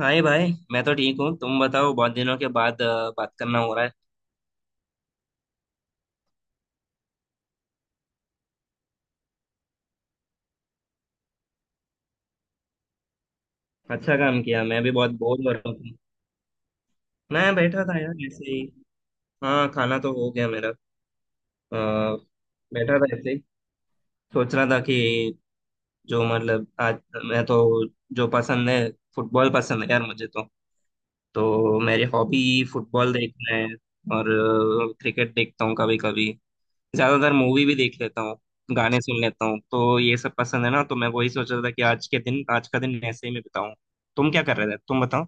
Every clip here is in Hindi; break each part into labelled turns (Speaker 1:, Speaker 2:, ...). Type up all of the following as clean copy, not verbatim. Speaker 1: हाय भाई। मैं तो ठीक हूँ। तुम बताओ। बहुत दिनों के बाद बात करना हो रहा है। अच्छा काम किया। मैं भी बहुत बोर हो रहा हूँ। मैं बैठा था यार ऐसे ही। हाँ, खाना तो हो गया मेरा। अ, बैठा था ऐसे ही। सोच रहा था कि जो मतलब आज मैं तो जो पसंद है। फुटबॉल पसंद है यार मुझे तो मेरी हॉबी फुटबॉल देखना है। और क्रिकेट देखता हूँ कभी कभी। ज्यादातर मूवी भी देख लेता हूँ। गाने सुन लेता हूँ तो ये सब पसंद है ना। तो मैं वही सोच रहा था कि आज का दिन ऐसे ही मैं बिताऊं। तुम क्या कर रहे थे तुम बताओ।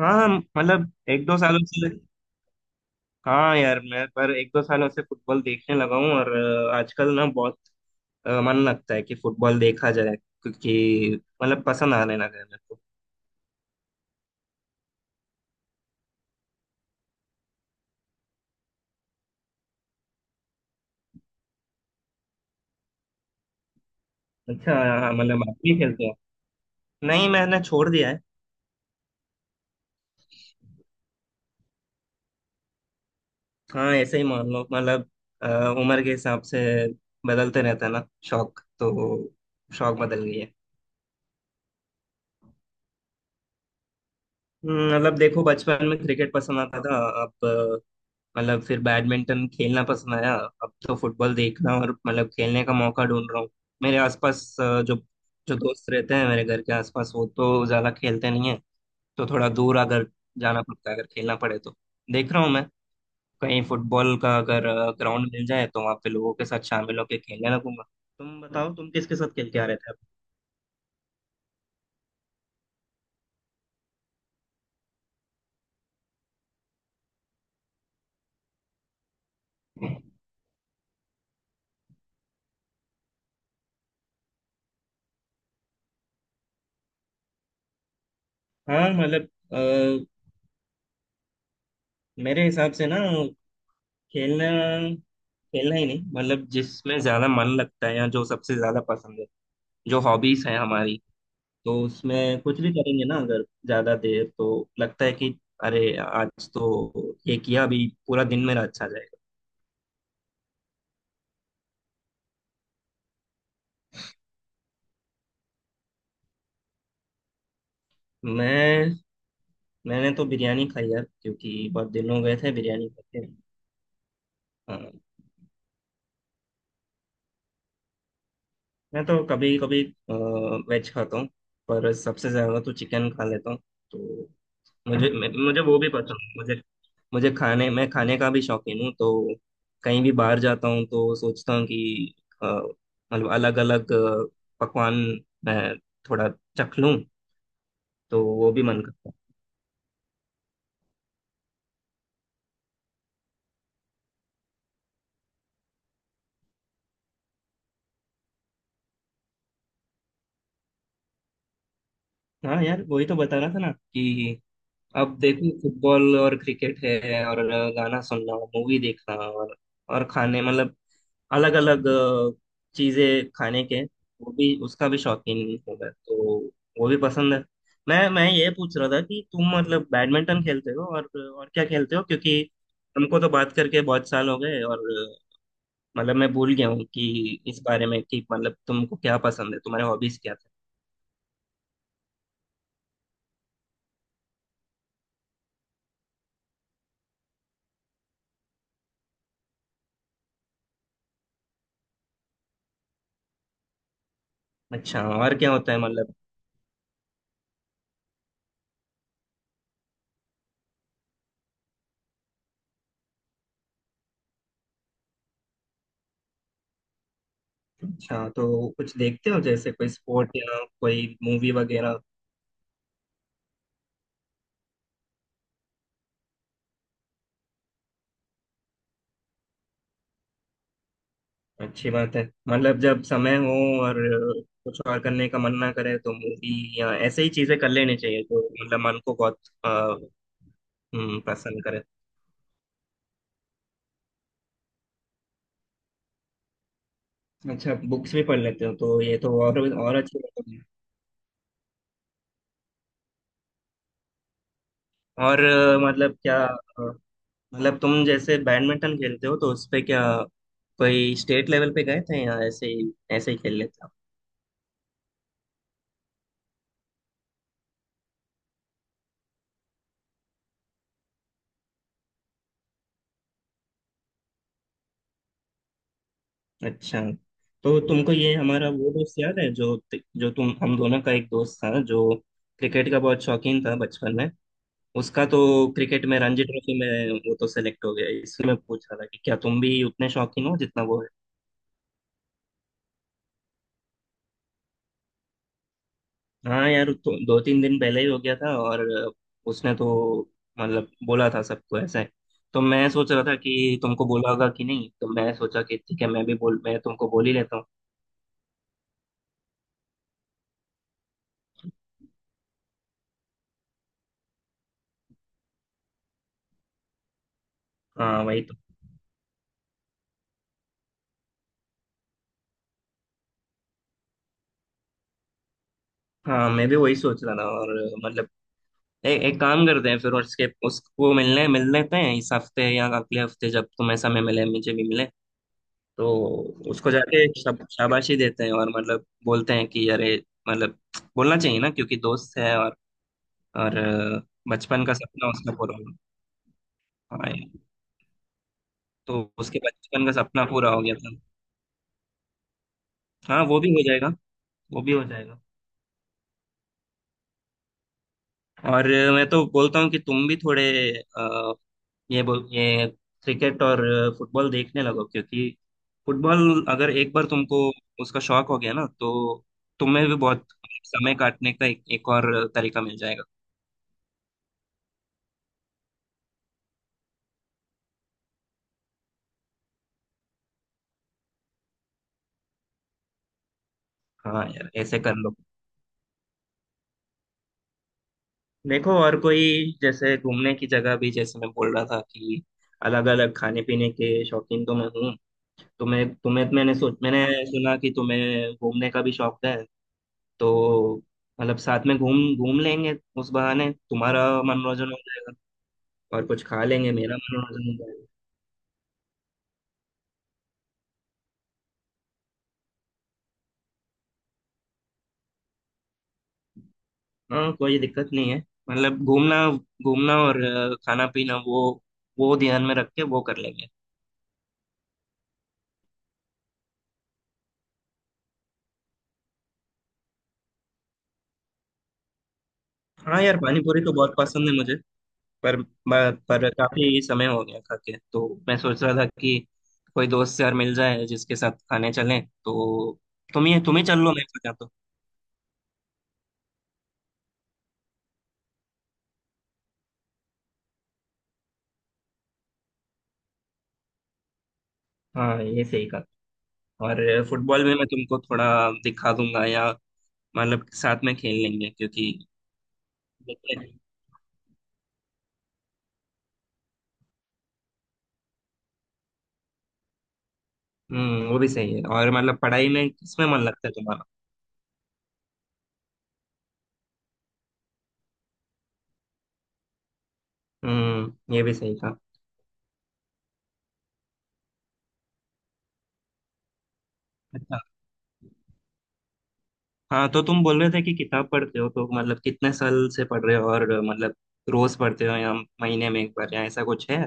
Speaker 1: हाँ मतलब एक दो सालों से। हाँ यार मैं पर एक दो सालों से फुटबॉल देखने लगा हूँ। और आजकल ना बहुत मन लगता है कि फुटबॉल देखा जाए क्योंकि मतलब पसंद आने लगा है मेरे को। अच्छा। हाँ, मतलब आप भी खेलते हो। नहीं, मैंने छोड़ दिया है। हाँ ऐसे ही मान लो मतलब अ, उम्र के हिसाब से बदलते रहता है ना शौक तो। शौक बदल गई है। मतलब देखो बचपन में क्रिकेट पसंद आता था। अब मतलब फिर बैडमिंटन खेलना पसंद आया। अब तो फुटबॉल देखना और मतलब खेलने का मौका ढूंढ रहा हूँ। मेरे आसपास जो जो दोस्त रहते हैं मेरे घर के आसपास वो तो ज्यादा खेलते नहीं है। तो थोड़ा दूर अगर जाना पड़ता है अगर खेलना पड़े तो। देख रहा हूँ मैं कहीं फुटबॉल का अगर ग्राउंड मिल जाए तो वहां पे लोगों के साथ शामिल होकर खेलने लगूंगा। तुम बताओ तुम किसके साथ खेल के आ रहे थे। अब। हाँ मतलब अ, मेरे हिसाब से ना खेलना खेलना ही नहीं मतलब जिसमें ज्यादा मन लगता है या जो सबसे ज्यादा पसंद है। जो हॉबीज है हमारी तो उसमें कुछ भी करेंगे ना। अगर ज्यादा देर तो लगता है कि अरे आज तो ये किया अभी पूरा दिन मेरा अच्छा जाएगा। मैं मैंने तो बिरयानी खाई यार क्योंकि बहुत दिन हो गए थे बिरयानी खाते। मैं तो कभी कभी वेज खाता हूँ पर सबसे ज्यादा तो चिकन खा लेता हूँ। तो मुझे मुझे वो भी पसंद है। मुझे मुझे खाने मैं खाने का भी शौकीन हूँ। तो कहीं भी बाहर जाता हूँ तो सोचता हूँ कि अ, मतलब अलग अलग पकवान मैं थोड़ा चख लूँ तो वो भी मन करता है। हाँ यार वही तो बता रहा था ना कि अब देखो फुटबॉल और क्रिकेट है। और गाना सुनना मूवी देखना और खाने मतलब अलग अलग चीजें खाने के वो भी उसका भी शौकीन हूँ मैं तो। वो भी पसंद है। मैं ये पूछ रहा था कि तुम मतलब बैडमिंटन खेलते हो और क्या खेलते हो क्योंकि हमको तो बात करके बहुत साल हो गए। और मतलब मैं भूल गया हूँ कि इस बारे में कि मतलब तुमको क्या पसंद है तुम्हारे हॉबीज क्या थे। अच्छा। और क्या होता है मतलब। अच्छा, तो कुछ देखते हो जैसे कोई स्पोर्ट या कोई मूवी वगैरह। अच्छी बात है। मतलब जब समय हो और कुछ और करने का मन ना करे तो मूवी या ऐसे ही चीजें कर लेनी चाहिए। तो मतलब मन को बहुत अ, प्रसन्न करे। अच्छा बुक्स भी पढ़ लेते हो तो ये तो और अच्छी बात है। और मतलब क्या मतलब तुम जैसे बैडमिंटन खेलते हो तो उस पे क्या कोई स्टेट लेवल पे गए थे या ऐसे ही खेल लेते हो। अच्छा, तो तुमको ये हमारा वो दोस्त याद है जो जो तुम हम दोनों का एक दोस्त था जो क्रिकेट का बहुत शौकीन था बचपन में। उसका तो क्रिकेट में रणजी ट्रॉफी में वो तो सेलेक्ट हो गया। इसलिए मैं पूछ रहा था कि क्या तुम भी उतने शौकीन हो जितना वो है। हाँ यार, तो दो तीन दिन पहले ही हो गया था। और उसने तो मतलब बोला था सबको ऐसा है। तो मैं सोच रहा था कि तुमको बोला होगा कि नहीं। तो मैं सोचा कि ठीक है मैं तुमको बोल ही लेता हूँ। हाँ वही तो। हाँ मैं भी वही सोच रहा था। और मतलब एक काम करते हैं फिर और उसके उसको मिलने मिल लेते हैं इस हफ्ते या अगले हफ्ते जब तुम्हें समय मिले मुझे भी मिले। तो उसको जाके शाबाशी देते हैं और मतलब बोलते हैं कि अरे मतलब बोलना चाहिए ना क्योंकि दोस्त है। और बचपन का सपना उसका पूरा हो गया। हाँ यार, तो उसके बचपन का सपना पूरा हो गया था। हाँ वो भी हो जाएगा। वो भी हो जाएगा। और मैं तो बोलता हूँ कि तुम भी थोड़े अ, ये क्रिकेट और फुटबॉल देखने लगो क्योंकि फुटबॉल अगर एक बार तुमको उसका शौक हो गया ना। तो तुम्हें भी बहुत समय काटने का एक और तरीका मिल जाएगा। हाँ यार ऐसे कर लो। देखो और कोई जैसे घूमने की जगह भी जैसे मैं बोल रहा था कि अलग अलग खाने पीने के शौकीन तो मैं हूँ। तुम्हें तुम्हें तो मैंने सुना कि तुम्हें घूमने का भी शौक है। तो मतलब साथ में घूम घूम लेंगे। उस बहाने तुम्हारा मनोरंजन हो जाएगा और कुछ खा लेंगे मेरा मनोरंजन हो जाएगा। हाँ कोई दिक्कत नहीं है। मतलब घूमना घूमना और खाना पीना वो ध्यान में रख के वो कर लेंगे। हाँ यार पानी पूरी तो बहुत पसंद है मुझे। पर काफी समय हो गया खा के। तो मैं सोच रहा था कि कोई दोस्त यार मिल जाए जिसके साथ खाने चलें तो। तुम ही चल लो मेरे साथ या तो। हाँ ये सही कहा। और फुटबॉल में मैं तुमको थोड़ा दिखा दूंगा या मतलब साथ में खेल लेंगे क्योंकि देखते हैं। वो भी सही है। और मतलब पढ़ाई में किसमें मन लगता है तुम्हारा। ये भी सही कहा। अच्छा। हाँ तो तुम बोल रहे थे कि किताब पढ़ते हो तो मतलब कितने साल से पढ़ रहे हो और मतलब रोज पढ़ते हो या महीने में एक बार या ऐसा कुछ है।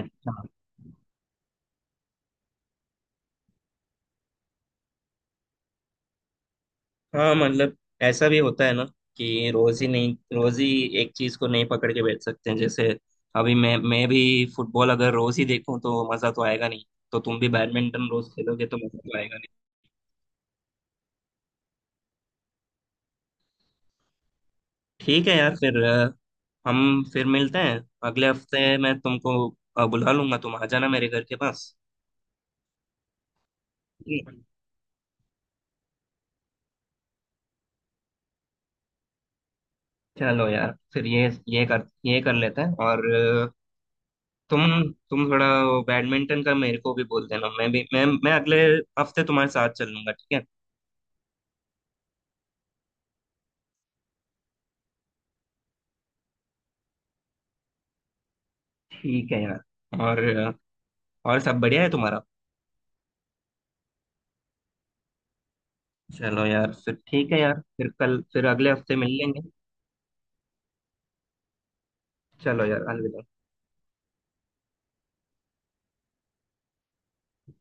Speaker 1: अच्छा। हाँ मतलब ऐसा भी होता है ना कि रोज ही नहीं रोज ही एक चीज को नहीं पकड़ के बैठ सकते हैं। जैसे अभी मैं भी फुटबॉल अगर रोज ही देखूं तो मजा तो आएगा नहीं। तो तुम भी बैडमिंटन रोज खेलोगे तो मजा तो आएगा नहीं। ठीक है यार फिर हम फिर मिलते हैं। अगले हफ्ते मैं तुमको बुला लूंगा। तुम आ जाना मेरे घर के पास। ठीक है? चलो यार फिर ये कर लेते हैं। और तुम तुम थोड़ा वो बैडमिंटन का मेरे को भी बोल देना। मैं भी मैं अगले हफ्ते तुम्हारे साथ चल लूंगा। ठीक है? ठीक है यार। और और सब बढ़िया है तुम्हारा। चलो यार फिर। ठीक है यार फिर कल फिर अगले हफ्ते मिल लेंगे। चलो यार अलविदा।